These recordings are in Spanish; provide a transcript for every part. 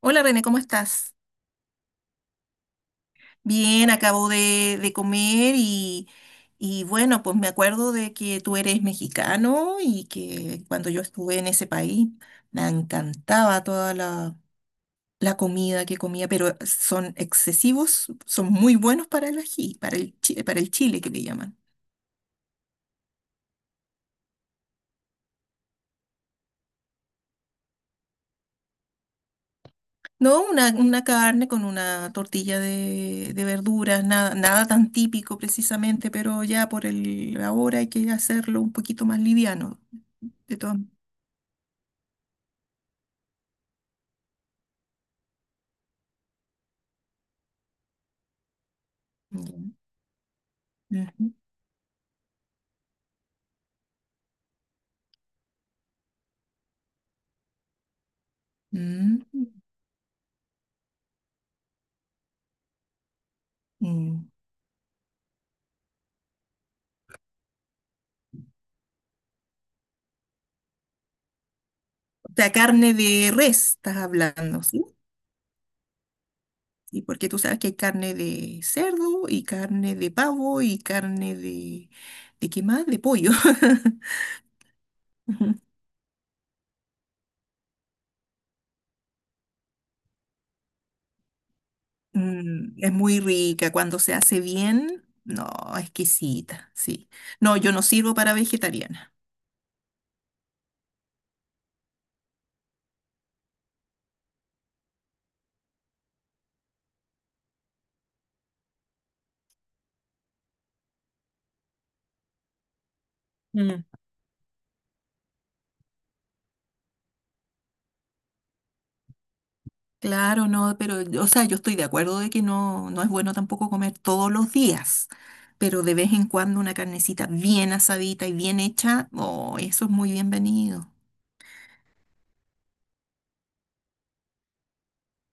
Hola René, ¿cómo estás? Bien, acabo de comer y bueno, pues me acuerdo de que tú eres mexicano y que cuando yo estuve en ese país me encantaba la comida que comía, pero son excesivos, son muy buenos para el ají, para el chile que le llaman. No, una carne con una tortilla de verduras, nada tan típico precisamente, pero ya por el ahora hay que hacerlo un poquito más liviano. De todas. Ya. Ujú. Mm, mm. O sea, carne de res estás hablando, ¿sí? Sí, porque tú sabes que hay carne de cerdo y carne de pavo y carne de... ¿De qué más? De pollo. Ujú. Mm, es muy rica cuando se hace bien. No, exquisita, sí. No, yo no sirvo para vegetariana. Claro, no, pero, o sea, yo estoy de acuerdo de que no es bueno tampoco comer todos los días, pero de vez en cuando una carnecita bien asadita y bien hecha, oh, eso es muy bienvenido.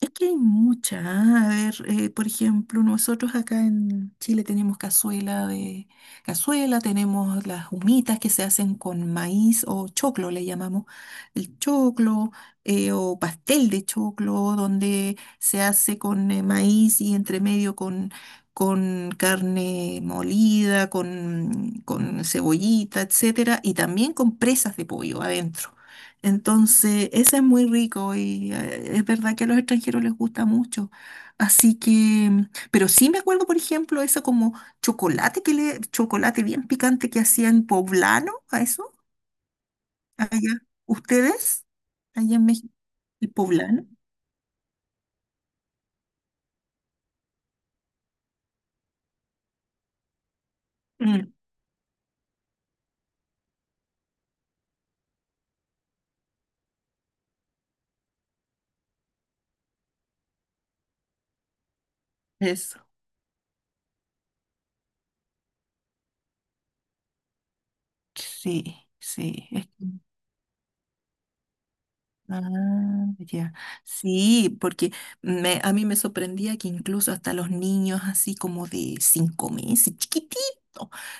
Es que hay muchas. A ver, por ejemplo, nosotros acá en Chile tenemos cazuela, tenemos las humitas que se hacen con maíz o choclo, le llamamos el choclo, o pastel de choclo, donde se hace con maíz y entre medio con carne molida, con cebollita, etcétera, y también con presas de pollo adentro. Entonces, ese es muy rico y es verdad que a los extranjeros les gusta mucho. Así que, mm, pero sí me acuerdo, por ejemplo, eso como chocolate bien picante que hacían poblano, a eso, allá. ¿Ustedes? Allá en México, el poblano. Mm, eso. Sí, sí. Ah, ya. Sí, porque a mí me sorprendía que incluso hasta los niños así como de cinco meses, chiquitito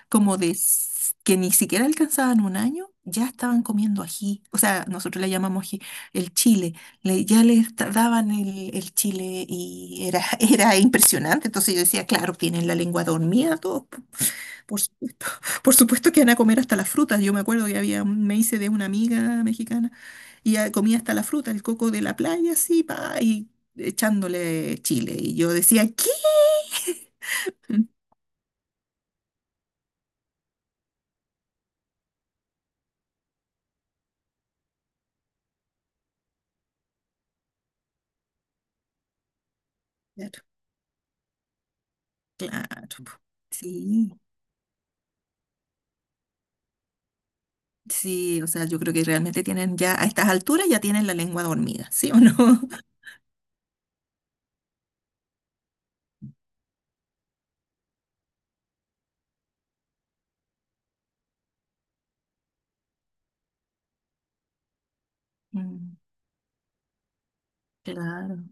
que ni siquiera alcanzaban un año, ya estaban comiendo ají. O sea, nosotros le llamamos ají, el chile. Daban el chile y era, era impresionante. Entonces yo decía, claro, tienen la lengua dormida todos, por supuesto que van a comer hasta las frutas. Yo me acuerdo que me hice de una amiga mexicana y ella comía hasta la fruta, el coco de la playa, así, pa, y echándole chile. Y yo decía, ¿qué? Mm. Claro, claro. Po. Sí, sí, o sea, yo creo que realmente tienen ya, a estas alturas ya tienen la lengua dormida, ¿sí o no? Mm. Claro.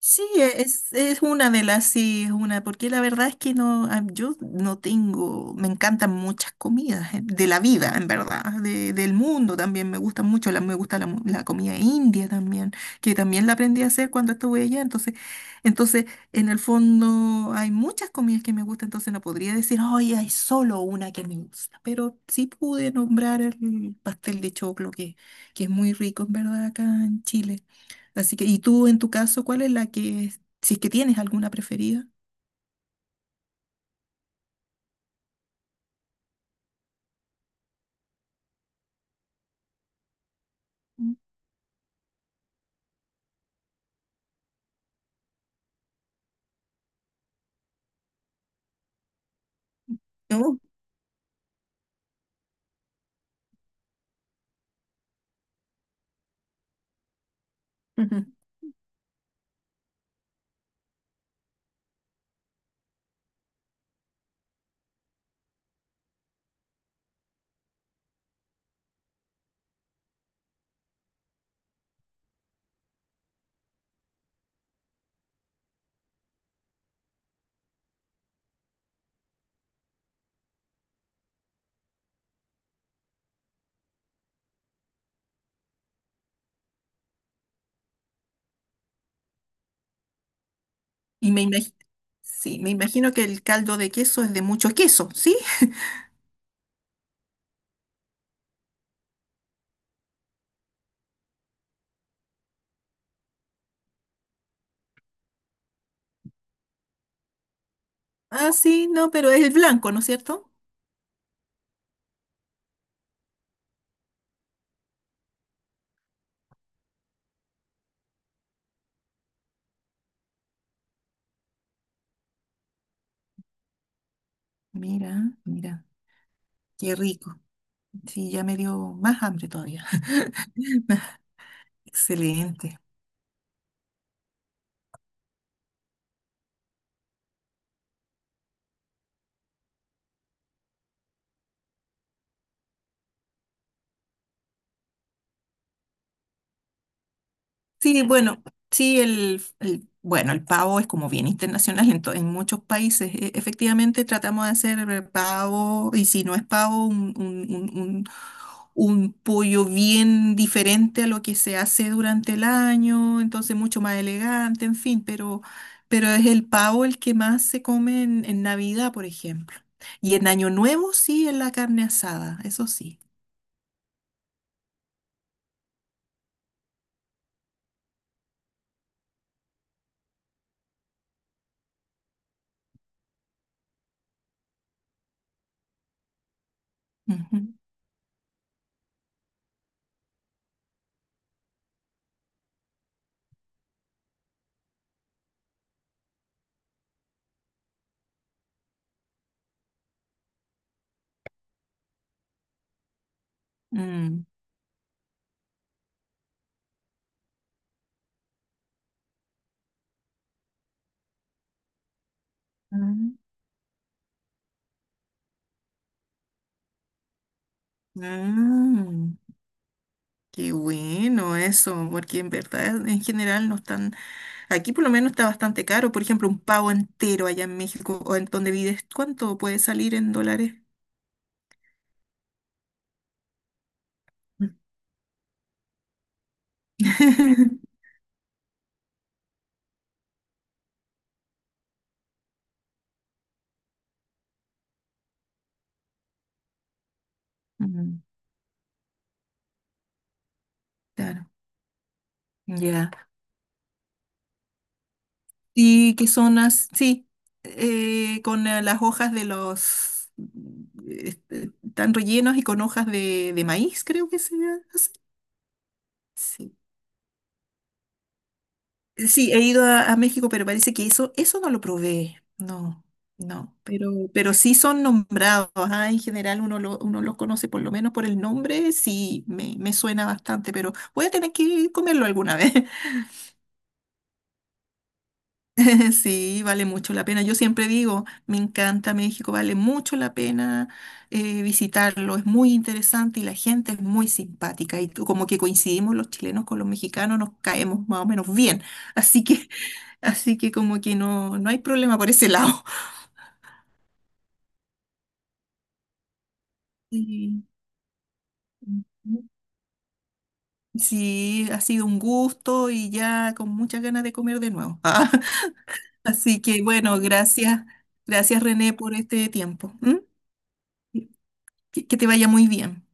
Sí, es una de las, sí, es una, porque la verdad es que no, ah, yo no tengo, me encantan muchas comidas de la vida, en verdad, del mundo también, me gustan mucho, me gusta la comida india también, que también la aprendí a hacer cuando estuve allá, entonces, en el fondo hay muchas comidas que me gustan, entonces no podría decir, ay, hay solo una que me gusta, pero sí pude nombrar el pastel de choclo, que es muy rico, en verdad, acá en Chile. Así que, ¿y tú en tu caso, cuál es la que, si es que tienes alguna preferida? Mm. ¿No? Ujú. Y me imagino, sí, me imagino que el caldo de queso es de mucho queso, ¿sí? Ah, sí, no, pero es el blanco, ¿no es cierto? Mira, mira, qué rico. Sí, ya me dio más hambre todavía. Excelente. Sí, bueno, sí, bueno, el pavo es como bien internacional en muchos países. Efectivamente, tratamos de hacer pavo, y si no es pavo, un pollo bien diferente a lo que se hace durante el año, entonces mucho más elegante, en fin, pero es el pavo el que más se come en Navidad, por ejemplo. Y en Año Nuevo, sí, en la carne asada, eso sí. Ujú. Mm. Mm. Mm. Qué bueno eso, porque en verdad en general no están, aquí por lo menos está bastante caro, por ejemplo, un pavo entero allá en México o en donde vives, ¿cuánto puede salir en dólares? Mm. Claro, ya. ¿Y qué son as- Sí, con las hojas de los, este, están rellenos y con hojas de maíz, creo que se hace. Sí, he ido a México, pero parece que eso no lo probé. No, no. Pero sí son nombrados. Ah, en general uno los conoce por lo menos por el nombre. Sí, me suena bastante, pero voy a tener que comerlo alguna vez. Sí, vale mucho la pena. Yo siempre digo, me encanta México, vale mucho la pena visitarlo, es muy interesante y la gente es muy simpática. Y como que coincidimos los chilenos con los mexicanos, nos caemos más o menos bien. Así que, así que como que no hay problema por ese lado. Sí, ujú. Sí, ha sido un gusto y ya con muchas ganas de comer de nuevo. Así que bueno, gracias, gracias René por este tiempo. ¿M? Que te vaya muy bien.